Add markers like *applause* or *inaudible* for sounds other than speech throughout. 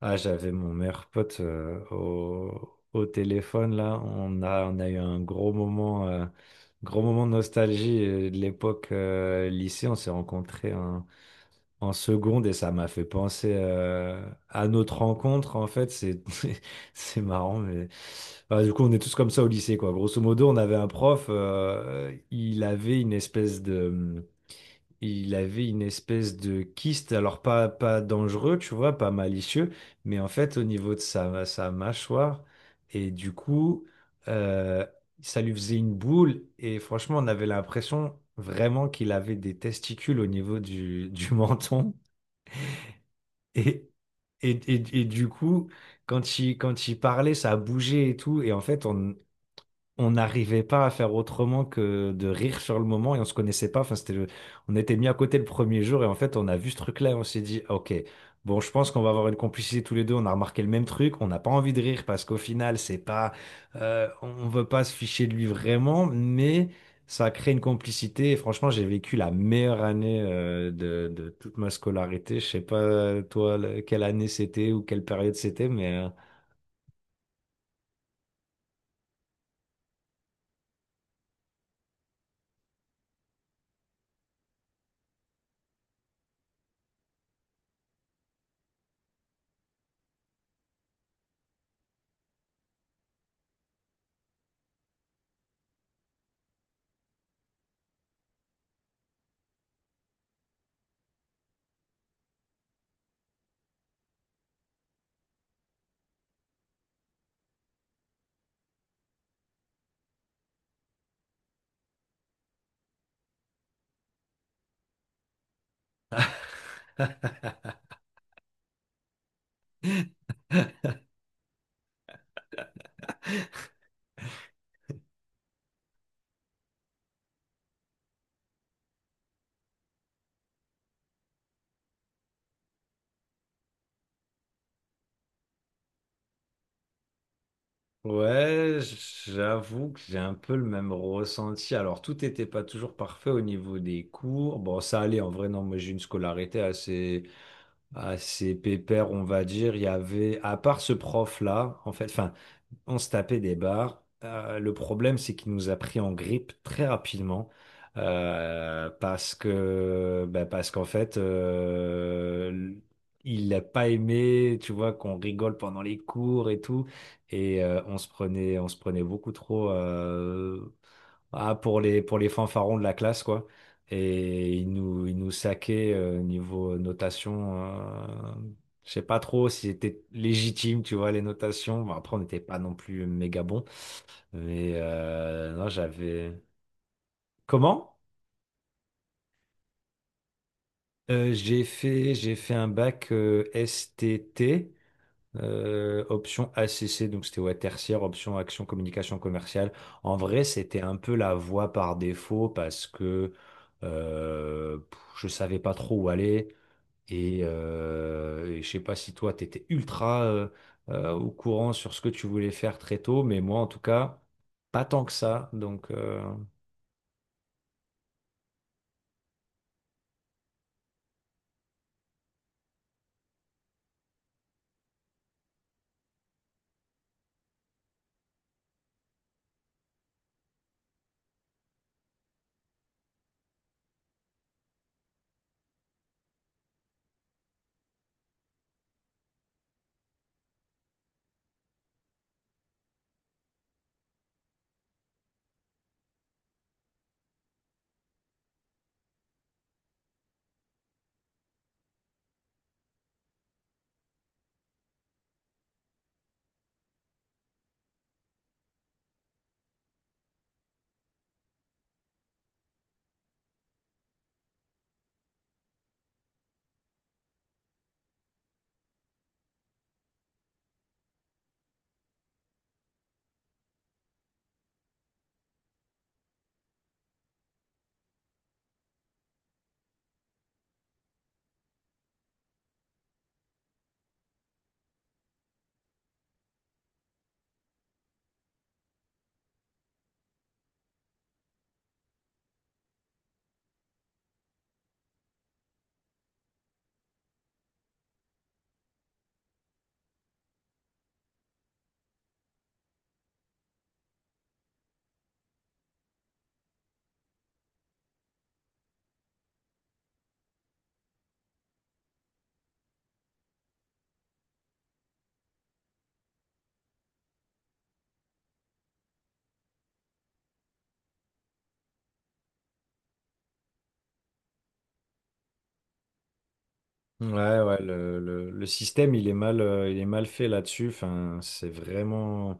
Ah, j'avais mon meilleur pote au téléphone là. On a eu un gros moment de nostalgie de l'époque lycée. On s'est rencontrés en seconde et ça m'a fait penser à notre rencontre. En fait, c'est *laughs* c'est marrant, mais enfin, du coup, on est tous comme ça au lycée, quoi. Grosso modo, on avait un prof. Il avait une espèce de kyste, alors pas dangereux, tu vois, pas malicieux, mais en fait au niveau de sa mâchoire. Et du coup, euh, ça lui faisait une boule. Et franchement, on avait l'impression vraiment qu'il avait des testicules au niveau du *laughs* menton. Et, et du coup, quand il parlait, ça bougeait et tout. Et en fait, on n'arrivait pas à faire autrement que de rire sur le moment et on se connaissait pas. Enfin, on était mis à côté le premier jour et en fait, on a vu ce truc-là et on s'est dit, ah, ok, bon, je pense qu'on va avoir une complicité tous les deux. On a remarqué le même truc. On n'a pas envie de rire parce qu'au final, c'est pas, on veut pas se ficher de lui vraiment, mais ça a créé une complicité. Et franchement, j'ai vécu la meilleure année, de toute ma scolarité. Je sais pas, toi, quelle année c'était ou quelle période c'était, mais, ouais, j'avoue que j'ai un peu le même ressenti. Alors, tout n'était pas toujours parfait au niveau des cours. Bon, ça allait en vrai, non, moi j'ai une scolarité assez pépère, on va dire. Il y avait, à part ce prof-là, en fait, enfin, on se tapait des barres. Le problème, c'est qu'il nous a pris en grippe très rapidement bah, parce qu'en fait, il n'a pas aimé, tu vois, qu'on rigole pendant les cours et tout, et on se prenait beaucoup trop. Pour les fanfarons de la classe, quoi. Et ils nous saquaient niveau notation. Je sais pas trop si c'était légitime, tu vois, les notations. Bon, après, on n'était pas non plus méga bon. Mais non, j'avais. Comment? J'ai fait un bac S T T. Option ACC, donc c'était ouais, tertiaire, option action communication commerciale. En vrai, c'était un peu la voie par défaut parce que je savais pas trop où aller. Et je sais pas si toi, tu étais ultra au courant sur ce que tu voulais faire très tôt, mais moi, en tout cas, pas tant que ça. Donc, ouais, ouais, le système, il est mal fait là-dessus. Enfin, c'est vraiment.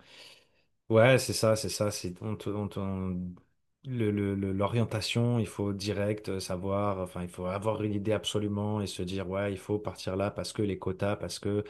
Ouais, c'est ça, c'est ça. C'est on te- on te- on- L'orientation, il faut direct savoir. Enfin, il faut avoir une idée absolument et se dire ouais, il faut partir là parce que les quotas, parce que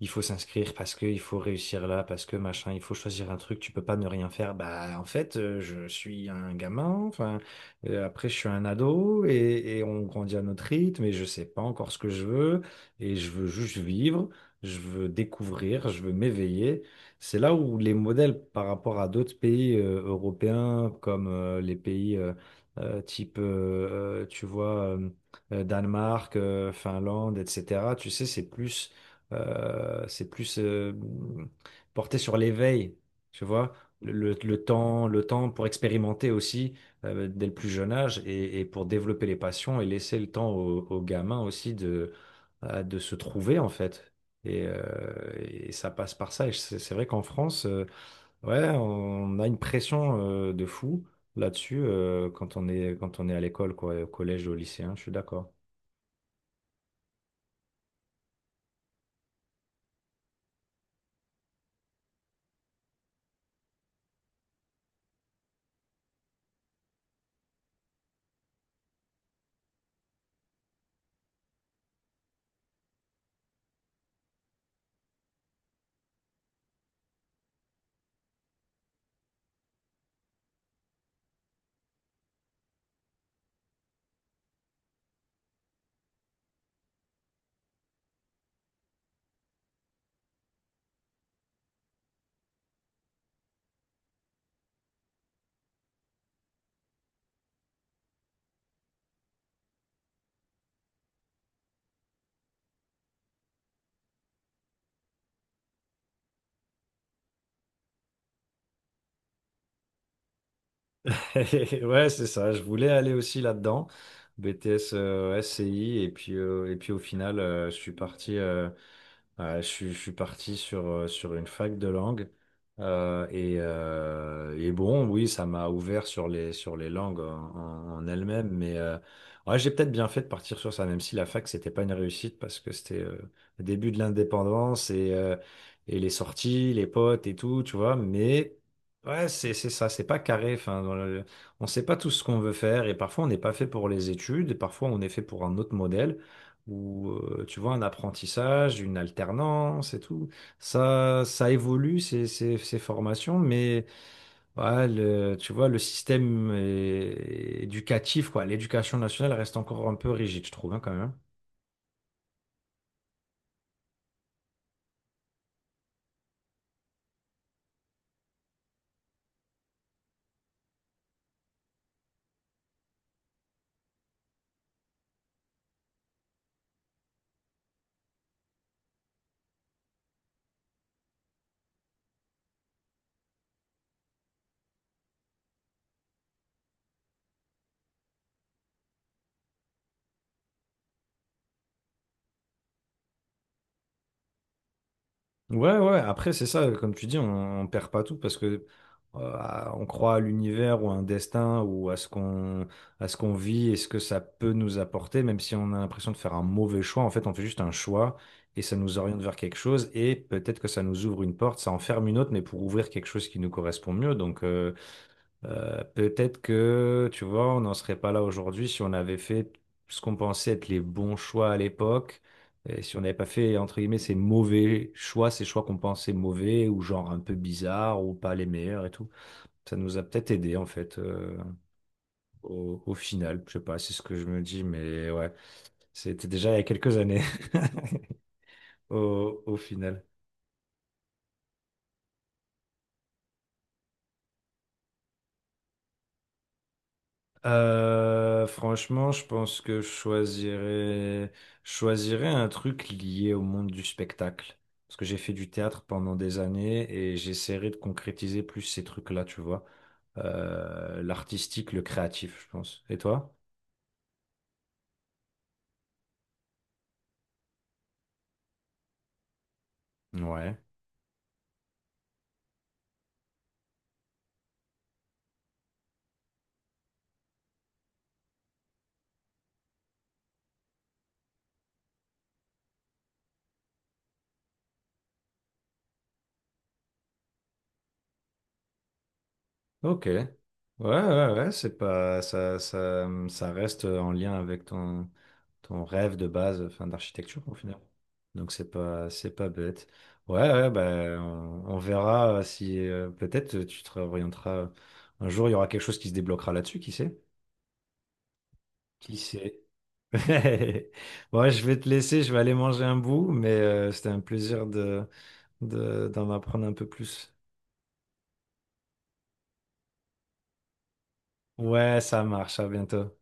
il faut s'inscrire parce que il faut réussir là, parce que machin, il faut choisir un truc, tu peux pas ne rien faire. Bah, en fait, je suis un gamin, enfin, après, je suis un ado et on grandit à notre rythme et je sais pas encore ce que je veux et je veux juste vivre, je veux découvrir, je veux m'éveiller. C'est là où les modèles par rapport à d'autres pays européens comme les pays type, tu vois, Danemark, Finlande, etc. Tu sais, c'est plus porté sur l'éveil, tu vois, le temps pour expérimenter aussi dès le plus jeune âge et pour développer les passions et laisser le temps aux gamins aussi de se trouver en fait. Et, euh, et ça passe par ça. Et c'est vrai qu'en France, ouais, on a une pression de fou là-dessus quand on est à l'école, quoi, au collège, au lycée, hein, je suis d'accord. *laughs* Ouais, c'est ça. Je voulais aller aussi là-dedans, BTS SCI, et puis au final, je suis parti. Je suis parti sur une fac de langue. Et bon, oui, ça m'a ouvert sur les langues en elles-mêmes. Mais ouais, j'ai peut-être bien fait de partir sur ça, même si la fac, c'était pas une réussite parce que c'était le début de l'indépendance et les sorties, les potes et tout, tu vois. Mais ouais, c'est ça, c'est pas carré. Enfin, on sait pas tout ce qu'on veut faire et parfois on n'est pas fait pour les études, et parfois on est fait pour un autre modèle ou tu vois, un apprentissage, une alternance et tout. Ça évolue, ces formations, mais ouais, tu vois, le système éducatif, quoi, l'éducation nationale reste encore un peu rigide, je trouve, hein, quand même. Ouais, ouais, après, c'est ça, comme tu dis, on perd pas tout parce que on croit à l'univers ou à un destin ou à ce qu'on vit et ce que ça peut nous apporter, même si on a l'impression de faire un mauvais choix. En fait, on fait juste un choix et ça nous oriente vers quelque chose et peut-être que ça nous ouvre une porte, ça en ferme une autre, mais pour ouvrir quelque chose qui nous correspond mieux. Donc, peut-être que, tu vois, on n'en serait pas là aujourd'hui si on avait fait ce qu'on pensait être les bons choix à l'époque, et si on n'avait pas fait, entre guillemets, ces mauvais choix, ces choix qu'on pensait mauvais, ou genre un peu bizarres, ou pas les meilleurs et tout. Ça nous a peut-être aidé, en fait, au final. Je sais pas, c'est ce que je me dis, mais ouais, c'était déjà il y a quelques années, *laughs* au final. Franchement, je pense que je choisirais un truc lié au monde du spectacle. Parce que j'ai fait du théâtre pendant des années et j'essaierai de concrétiser plus ces trucs-là, tu vois. L'artistique, le créatif, je pense. Et toi? Ouais. Ok. Ouais, ouais, ouais, c'est pas ça, ça reste en lien avec ton rêve de base, enfin d'architecture au final. Donc c'est pas bête. Ouais, ouais, ben on verra si peut-être tu te réorienteras. Un jour, il y aura quelque chose qui se débloquera là-dessus, qui sait? Qui sait? *laughs* Bon, je vais te laisser, je vais aller manger un bout, mais c'était un plaisir d'en apprendre un peu plus. Ouais, ça marche, à bientôt.